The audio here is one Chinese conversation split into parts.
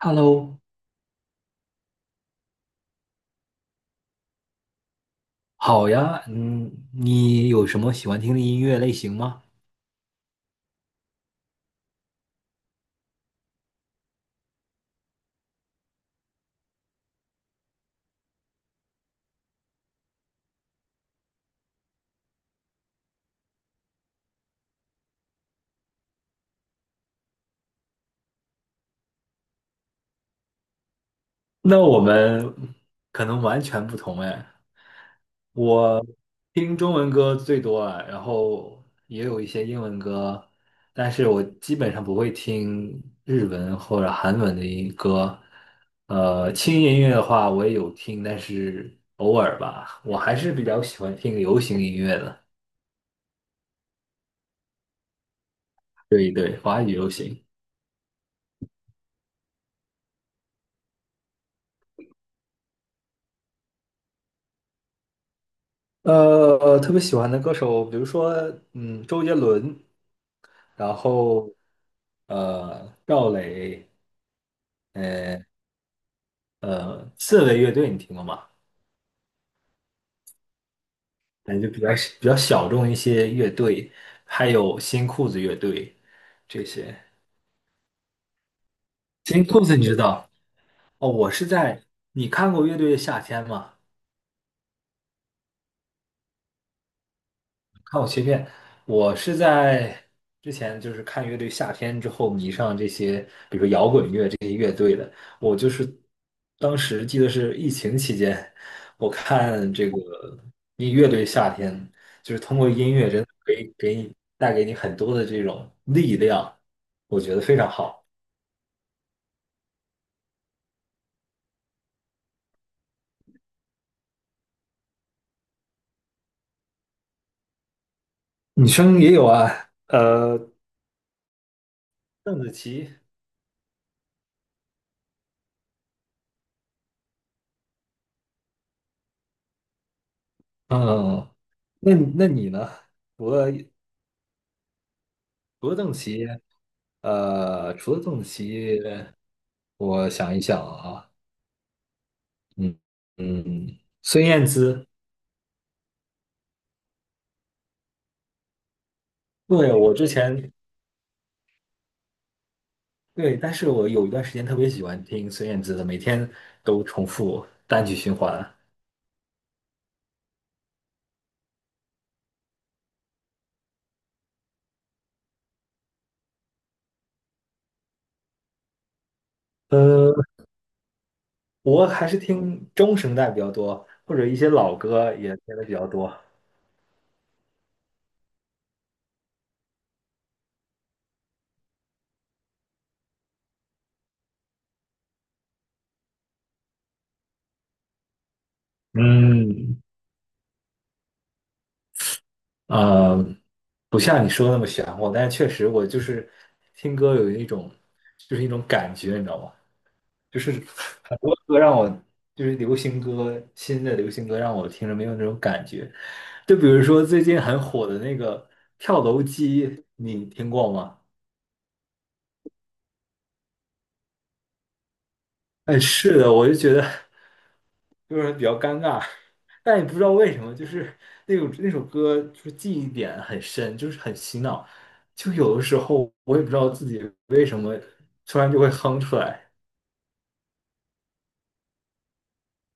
Hello。好呀，你有什么喜欢听的音乐类型吗？那我们可能完全不同哎。我听中文歌最多啊，然后也有一些英文歌，但是我基本上不会听日文或者韩文的音歌。轻音乐的话我也有听，但是偶尔吧。我还是比较喜欢听流行音乐的。对对，华语流行。特别喜欢的歌手，比如说，嗯，周杰伦，然后赵磊，呃刺猬乐队你听过吗？感觉比较小众一些乐队，还有新裤子乐队这些。新裤子你知道？哦，我是在，你看过《乐队的夏天》吗？看我切片，我是在之前就是看乐队夏天之后迷上这些，比如说摇滚乐这些乐队的。我就是当时记得是疫情期间，我看这个音乐队夏天，就是通过音乐真的可以给你带给你很多的这种力量，我觉得非常好。女生也有啊，呃，邓紫棋。嗯，那那你呢？除了邓紫棋。呃，除了邓棋，我想一想啊。嗯孙燕姿。对，我之前对，但是我有一段时间特别喜欢听孙燕姿的，每天都重复单曲循环。呃，我还是听中声带比较多，或者一些老歌也听的比较多。嗯，呃，不像你说的那么玄乎，但是确实我就是听歌有一种，就是一种感觉，你知道吗？就是很多歌让我，就是流行歌，新的流行歌让我听着没有那种感觉。就比如说最近很火的那个跳楼机，你听过吗？哎，是的，我就觉得。就是比较尴尬，但也不知道为什么，就是那首歌就是记忆点很深，就是很洗脑，就有的时候我也不知道自己为什么突然就会哼出来。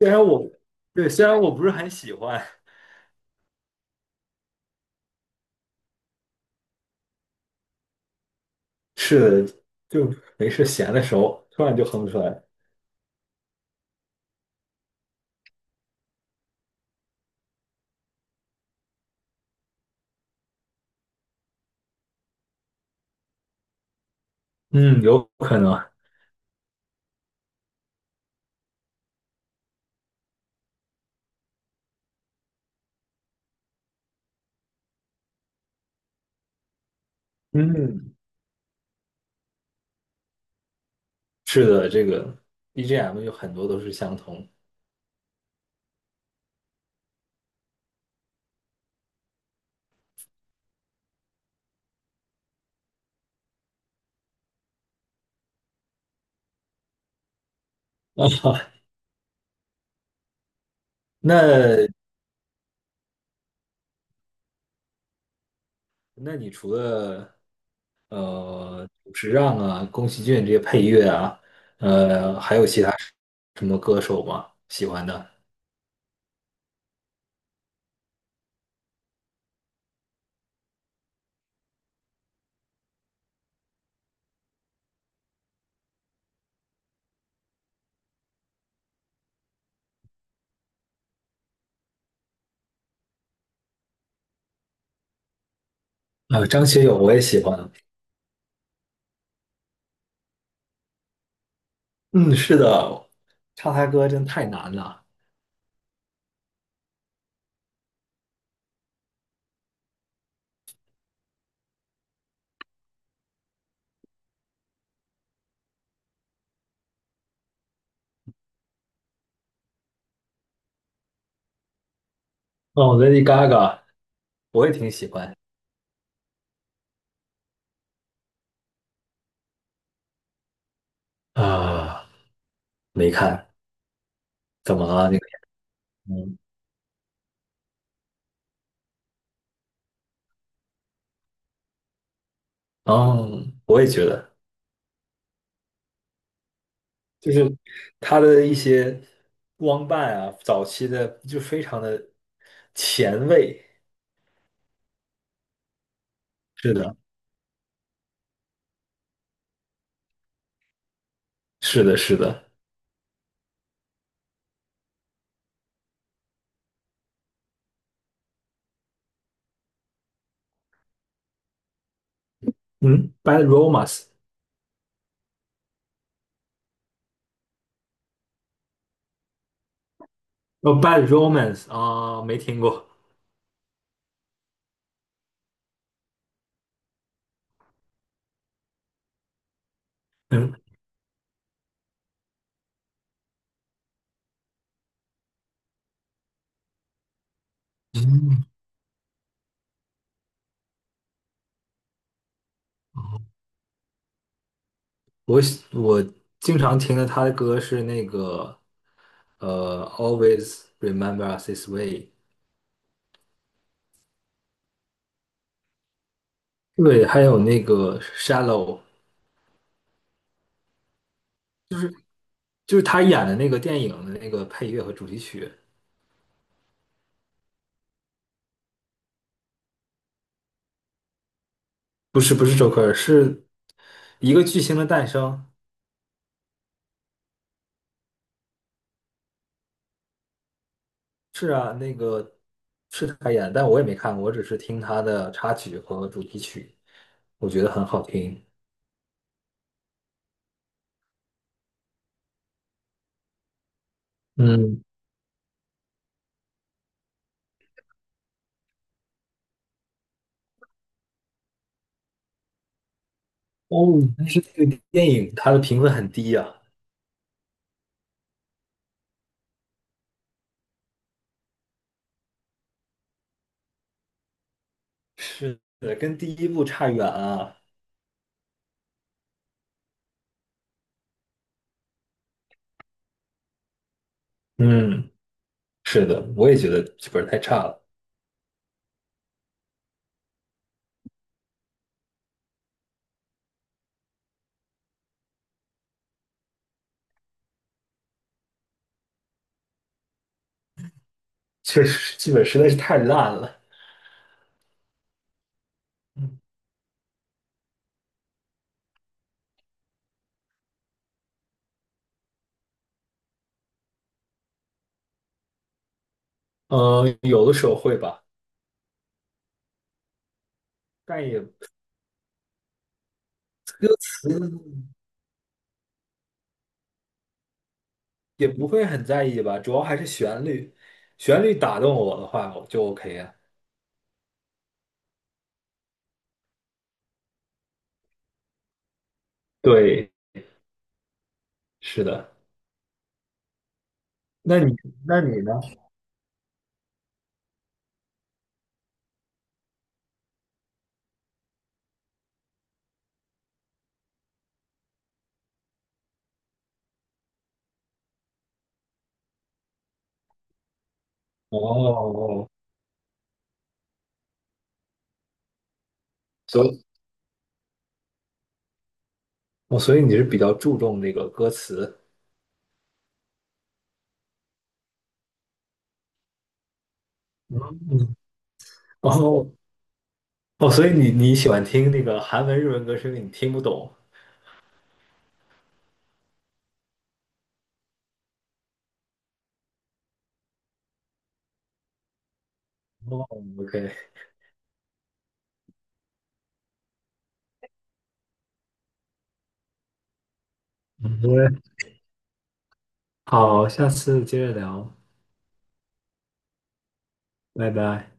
虽然我对，虽然我不是很喜欢。是的，就没事闲的时候突然就哼出来。嗯，有可能。嗯，是的，这个 BGM 有很多都是相同。那那你除了久石让啊、宫崎骏这些配乐啊，呃，还有其他什么歌手吗？喜欢的？呃，张学友我也喜欢。嗯，是的，唱他歌真太难了。哦，Lady Gaga 我也挺喜欢。啊，没看。怎么了？那个嗯，哦，我也觉得，就是他的一些光伴啊，早期的就非常的前卫。是的，是的。嗯，Bad Romance。哦 b a d Romance 啊，没听过。嗯，我经常听的他的歌是那个Always Remember Us This Way。对，还有那个 Shallow。就是他演的那个电影的那个配乐和主题曲。不是 Joker，是一个巨星的诞生。是啊，那个是他演，但我也没看过，我只是听他的插曲和主题曲，我觉得很好听。嗯。哦，但是那个电影它的评分很低呀。是的，跟第一部差远了。嗯，是的，我也觉得剧本太差了。确实剧本实在是太烂了。嗯，呃有的时候会吧。但也也不会很在意吧，主要还是旋律，旋律打动我的话，我就 OK 啊。对，是的。那你那你呢？哦，所以哦，所以你是比较注重那个歌词。嗯，哦哦，所以你你喜欢听那个韩文、日文歌是因为你听不懂。哦，OK。好，好，下次接着聊，拜拜。